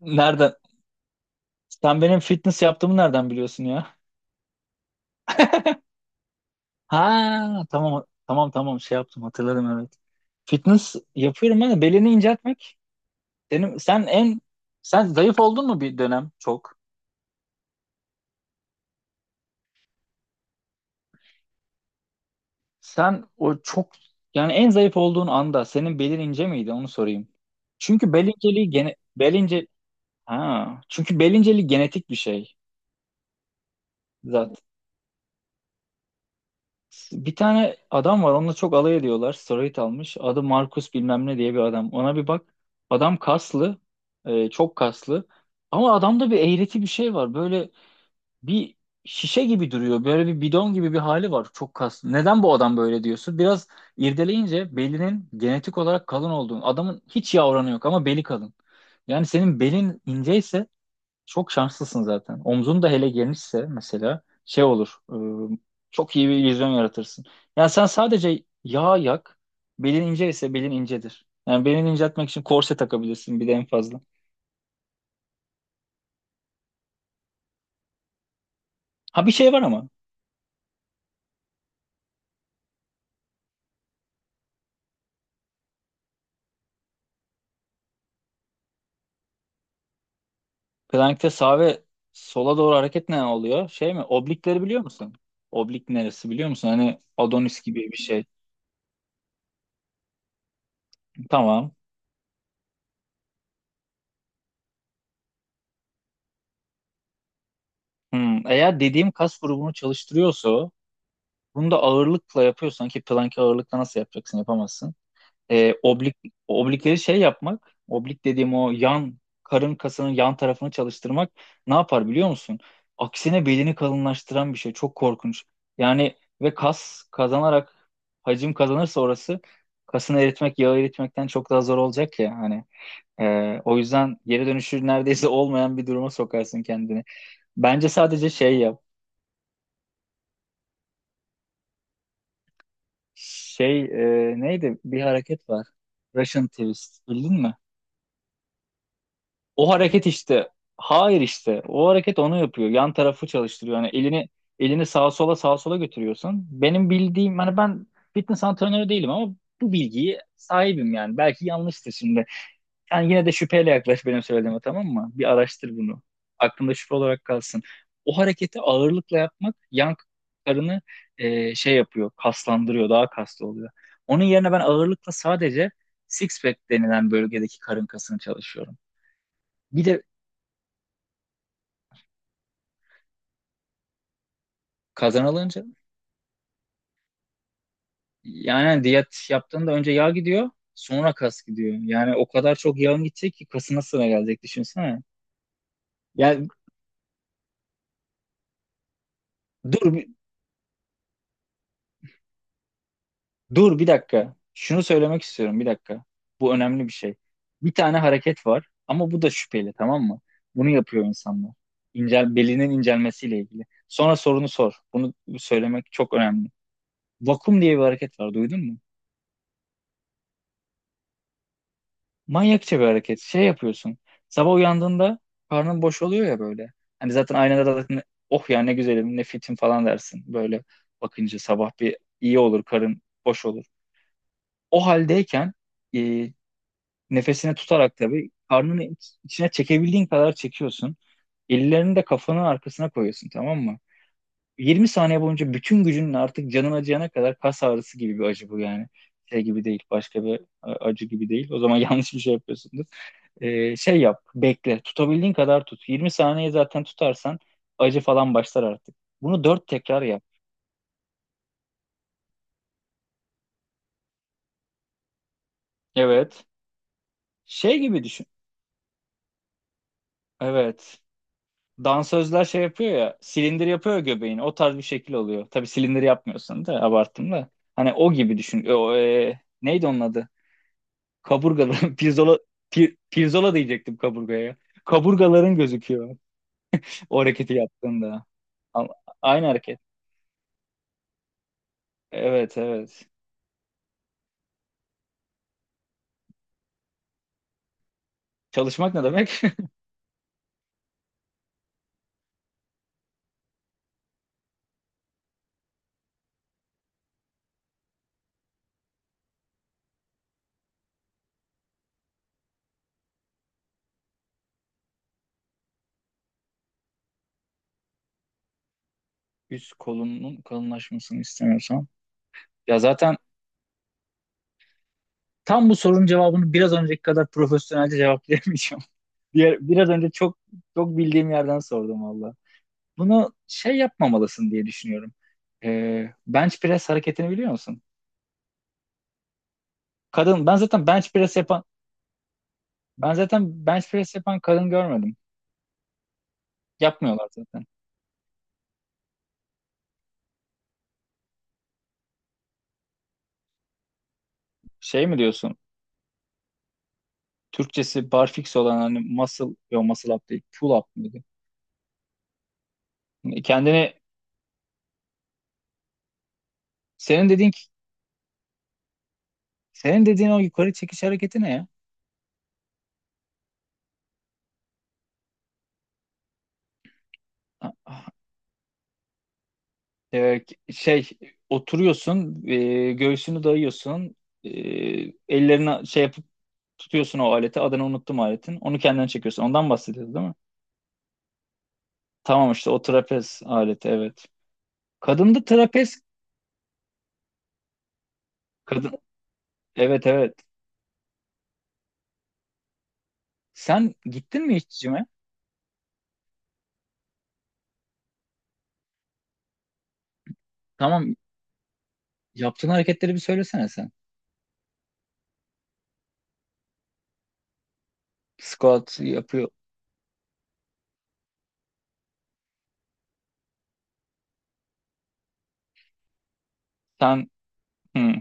Nereden? Sen benim fitness yaptığımı nereden biliyorsun ya? Ha, tamam tamam tamam, şey yaptım, hatırladım, evet. Fitness yapıyorum ben de belini inceltmek. Benim, sen en Sen zayıf oldun mu bir dönem çok? Sen o çok Yani en zayıf olduğun anda senin belin ince miydi, onu sorayım. Çünkü bel inceliği gene bel ince ha çünkü bel inceliği genetik bir şey. Zaten bir tane adam var, onunla çok alay ediyorlar. Steroid almış. Adı Markus bilmem ne diye bir adam. Ona bir bak. Adam kaslı. Çok kaslı. Ama adamda bir eğreti bir şey var. Böyle bir şişe gibi duruyor. Böyle bir bidon gibi bir hali var. Çok kaslı. Neden bu adam böyle diyorsun? Biraz irdeleyince belinin genetik olarak kalın olduğunu. Adamın hiç yavranı yok ama beli kalın. Yani senin belin inceyse çok şanslısın zaten. Omzun da hele genişse mesela şey olur. Çok iyi bir vizyon yaratırsın. Yani sen sadece yağ yak. Belin ince ise belin incedir. Yani belini inceltmek için korse takabilirsin bir de en fazla. Ha, bir şey var ama. Plankte sağa ve sola doğru hareket ne oluyor? Şey mi? Oblikleri biliyor musun? Oblik neresi biliyor musun? Hani Adonis gibi bir şey. Tamam. Eğer dediğim kas grubunu çalıştırıyorsa o, bunu da ağırlıkla yapıyorsan ki plank ağırlıkla nasıl yapacaksın? Yapamazsın. e, oblik Oblikleri şey yapmak, oblik dediğim o yan karın kasının yan tarafını çalıştırmak ne yapar biliyor musun? Aksine belini kalınlaştıran bir şey. Çok korkunç. Yani ve kas kazanarak hacim kazanırsa orası, kasını eritmek yağı eritmekten çok daha zor olacak ya hani. O yüzden geri dönüşü neredeyse olmayan bir duruma sokarsın kendini. Bence sadece şey yap. Şey, neydi? Bir hareket var. Russian twist. Bildin mi? O hareket işte. Hayır işte. O hareket onu yapıyor. Yan tarafı çalıştırıyor. Yani elini sağa sola sağa sola götürüyorsun. Benim bildiğim, hani ben fitness antrenörü değilim ama bu bilgiyi sahibim yani. Belki yanlıştır şimdi. Yani yine de şüpheyle yaklaş benim söylediğime, tamam mı? Bir araştır bunu. Aklında şüphe olarak kalsın. O hareketi ağırlıkla yapmak yan karını şey yapıyor. Kaslandırıyor. Daha kaslı oluyor. Onun yerine ben ağırlıkla sadece six pack denilen bölgedeki karın kasını çalışıyorum. Bir de kazanılınca, yani hani diyet yaptığında önce yağ gidiyor, sonra kas gidiyor. Yani o kadar çok yağın gidecek ki kasına sıra gelecek, düşünsene. Yani dur bir- dur bir dakika. Şunu söylemek istiyorum, bir dakika. Bu önemli bir şey. Bir tane hareket var ama bu da şüpheli, tamam mı? Bunu yapıyor insanlar. İncel, belinin incelmesiyle ilgili. Sonra sorunu sor. Bunu söylemek çok önemli. Vakum diye bir hareket var, duydun mu? Manyakça bir hareket. Şey yapıyorsun. Sabah uyandığında karnın boş oluyor ya böyle. Hani zaten aynada da zaten oh ya ne güzelim ne fitim falan dersin. Böyle bakınca sabah bir iyi olur, karın boş olur. O haldeyken e, nefesini tutarak tabii karnını içine çekebildiğin kadar çekiyorsun. Ellerini de kafanın arkasına koyuyorsun, tamam mı? 20 saniye boyunca, bütün gücünle, artık canın acıyana kadar, kas ağrısı gibi bir acı bu yani. Şey gibi değil, başka bir acı gibi değil. O zaman yanlış bir şey yapıyorsundur. Şey yap, bekle. Tutabildiğin kadar tut. 20 saniye zaten tutarsan acı falan başlar artık. Bunu 4 tekrar yap. Evet. Şey gibi düşün. Evet. Dansözler şey yapıyor ya, silindir yapıyor ya göbeğini. O tarz bir şekil oluyor. Tabii silindir yapmıyorsun da, abarttım da. Hani o gibi düşün. O, neydi onun adı? Kaburgaların pirzola diyecektim kaburgaya. Kaburgaların gözüküyor o hareketi yaptığında. A- Aynı hareket. Evet, evet. Çalışmak ne demek? Üst kolunun kalınlaşmasını istemiyorsan. Ya zaten tam bu sorunun cevabını biraz önceki kadar profesyonelce cevaplayamayacağım. Diğer, biraz önce çok çok bildiğim yerden sordum valla. Bunu şey yapmamalısın diye düşünüyorum. Bench press hareketini biliyor musun? Kadın, ben zaten bench press yapan kadın görmedim. Yapmıyorlar zaten. Şey mi diyorsun? Türkçesi barfix olan, hani muscle, yo muscle up değil, pull up mıydı? E, Kendini, senin dediğin, senin dediğin o yukarı çekiş hareketi ne ya? Ah, ah, e, şey, oturuyorsun, göğsünü dayıyorsun, e, ellerini şey yapıp tutuyorsun o aleti, adını unuttum aletin, onu kendine çekiyorsun. Ondan bahsediyoruz değil mi? Tamam, işte o trapez aleti, evet. Kadında trapez, kadın, evet, evet. Sen gittin mi hiç cime? Tamam. Yaptığın hareketleri bir söylesene sen. Squat yapıyor. Sen, hmm.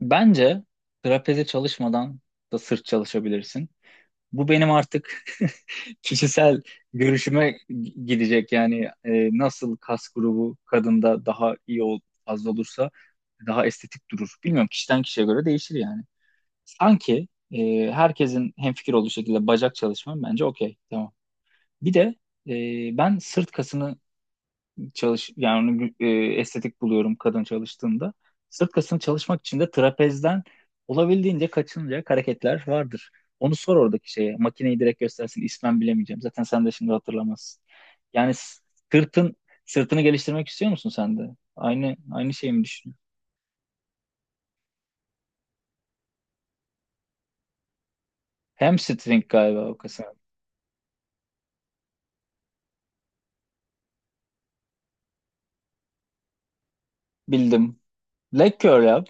Bence trapeze çalışmadan da sırt çalışabilirsin. Bu benim artık kişisel görüşüme gidecek. Yani nasıl kas grubu kadında daha iyi fazla olursa daha estetik durur. Bilmiyorum, kişiden kişiye göre değişir yani. Sanki herkesin hemfikir olduğu şekilde bacak çalışmam bence okey. Tamam. Bir de ben sırt kasını çalış yani onu gü- e, estetik buluyorum kadın çalıştığında. Sırt kasını çalışmak için de trapezden olabildiğince kaçınacak hareketler vardır. Onu sor oradaki şeye. Makineyi direkt göstersin. İsmen bilemeyeceğim. Zaten sen de şimdi hatırlamazsın. Yani sırtın sırtını geliştirmek istiyor musun sen de? Aynı şeyi mi düşünüyorsun? Hamstring galiba o kasa. Bildim. Leg curl yap.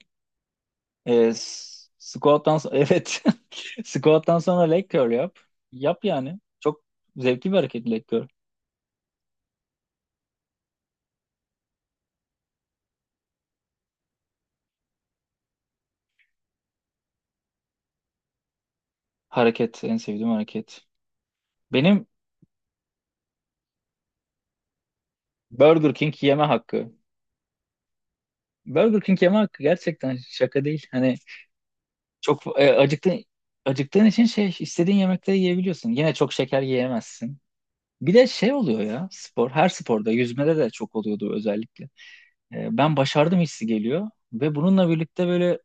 Evet. Squat'tan sonra leg curl yap. Yap yani. Çok zevkli bir hareket leg curl. Hareket, en sevdiğim hareket. Benim Burger King yeme hakkı. Burger King yeme hakkı, gerçekten şaka değil. Hani çok acıktığın için şey istediğin yemekleri yiyebiliyorsun. Yine çok şeker yiyemezsin. Bir de şey oluyor ya, spor, her sporda, yüzmede de çok oluyordu özellikle. Ben başardım hissi geliyor ve bununla birlikte böyle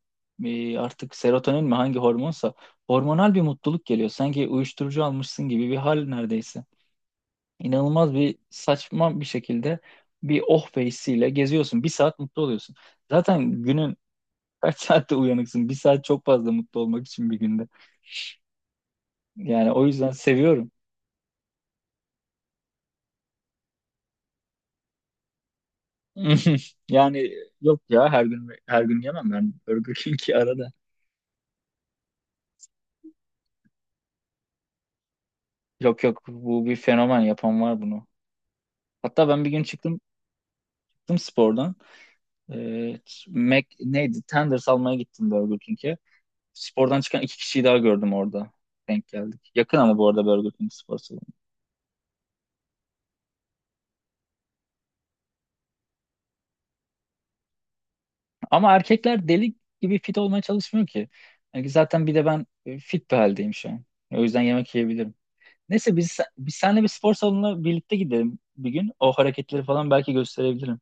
artık serotonin mi hangi hormonsa hormonal bir mutluluk geliyor. Sanki uyuşturucu almışsın gibi bir hal neredeyse. İnanılmaz bir saçma bir şekilde bir oh be hissiyle geziyorsun. Bir saat mutlu oluyorsun. Zaten günün kaç saatte uyanıksın? Bir saat çok fazla mutlu olmak için bir günde. Yani o yüzden seviyorum. Yani yok ya, her gün her gün yemem ben Burger King'i, arada. Yok yok, bu bir fenomen yapan var bunu. Hatta ben bir gün çıktım spordan. Ee, Mac, neydi? Tenders almaya gittim Burger King'e. Spordan çıkan iki kişiyi daha gördüm orada. Denk geldik. Yakın ama bu arada Burger King spor salonu. Ama erkekler deli gibi fit olmaya çalışmıyor ki. Yani zaten bir de ben fit bir haldeyim şu an. O yüzden yemek yiyebilirim. Neyse, biz seninle bir spor salonuna birlikte gidelim bir gün. O hareketleri falan belki gösterebilirim.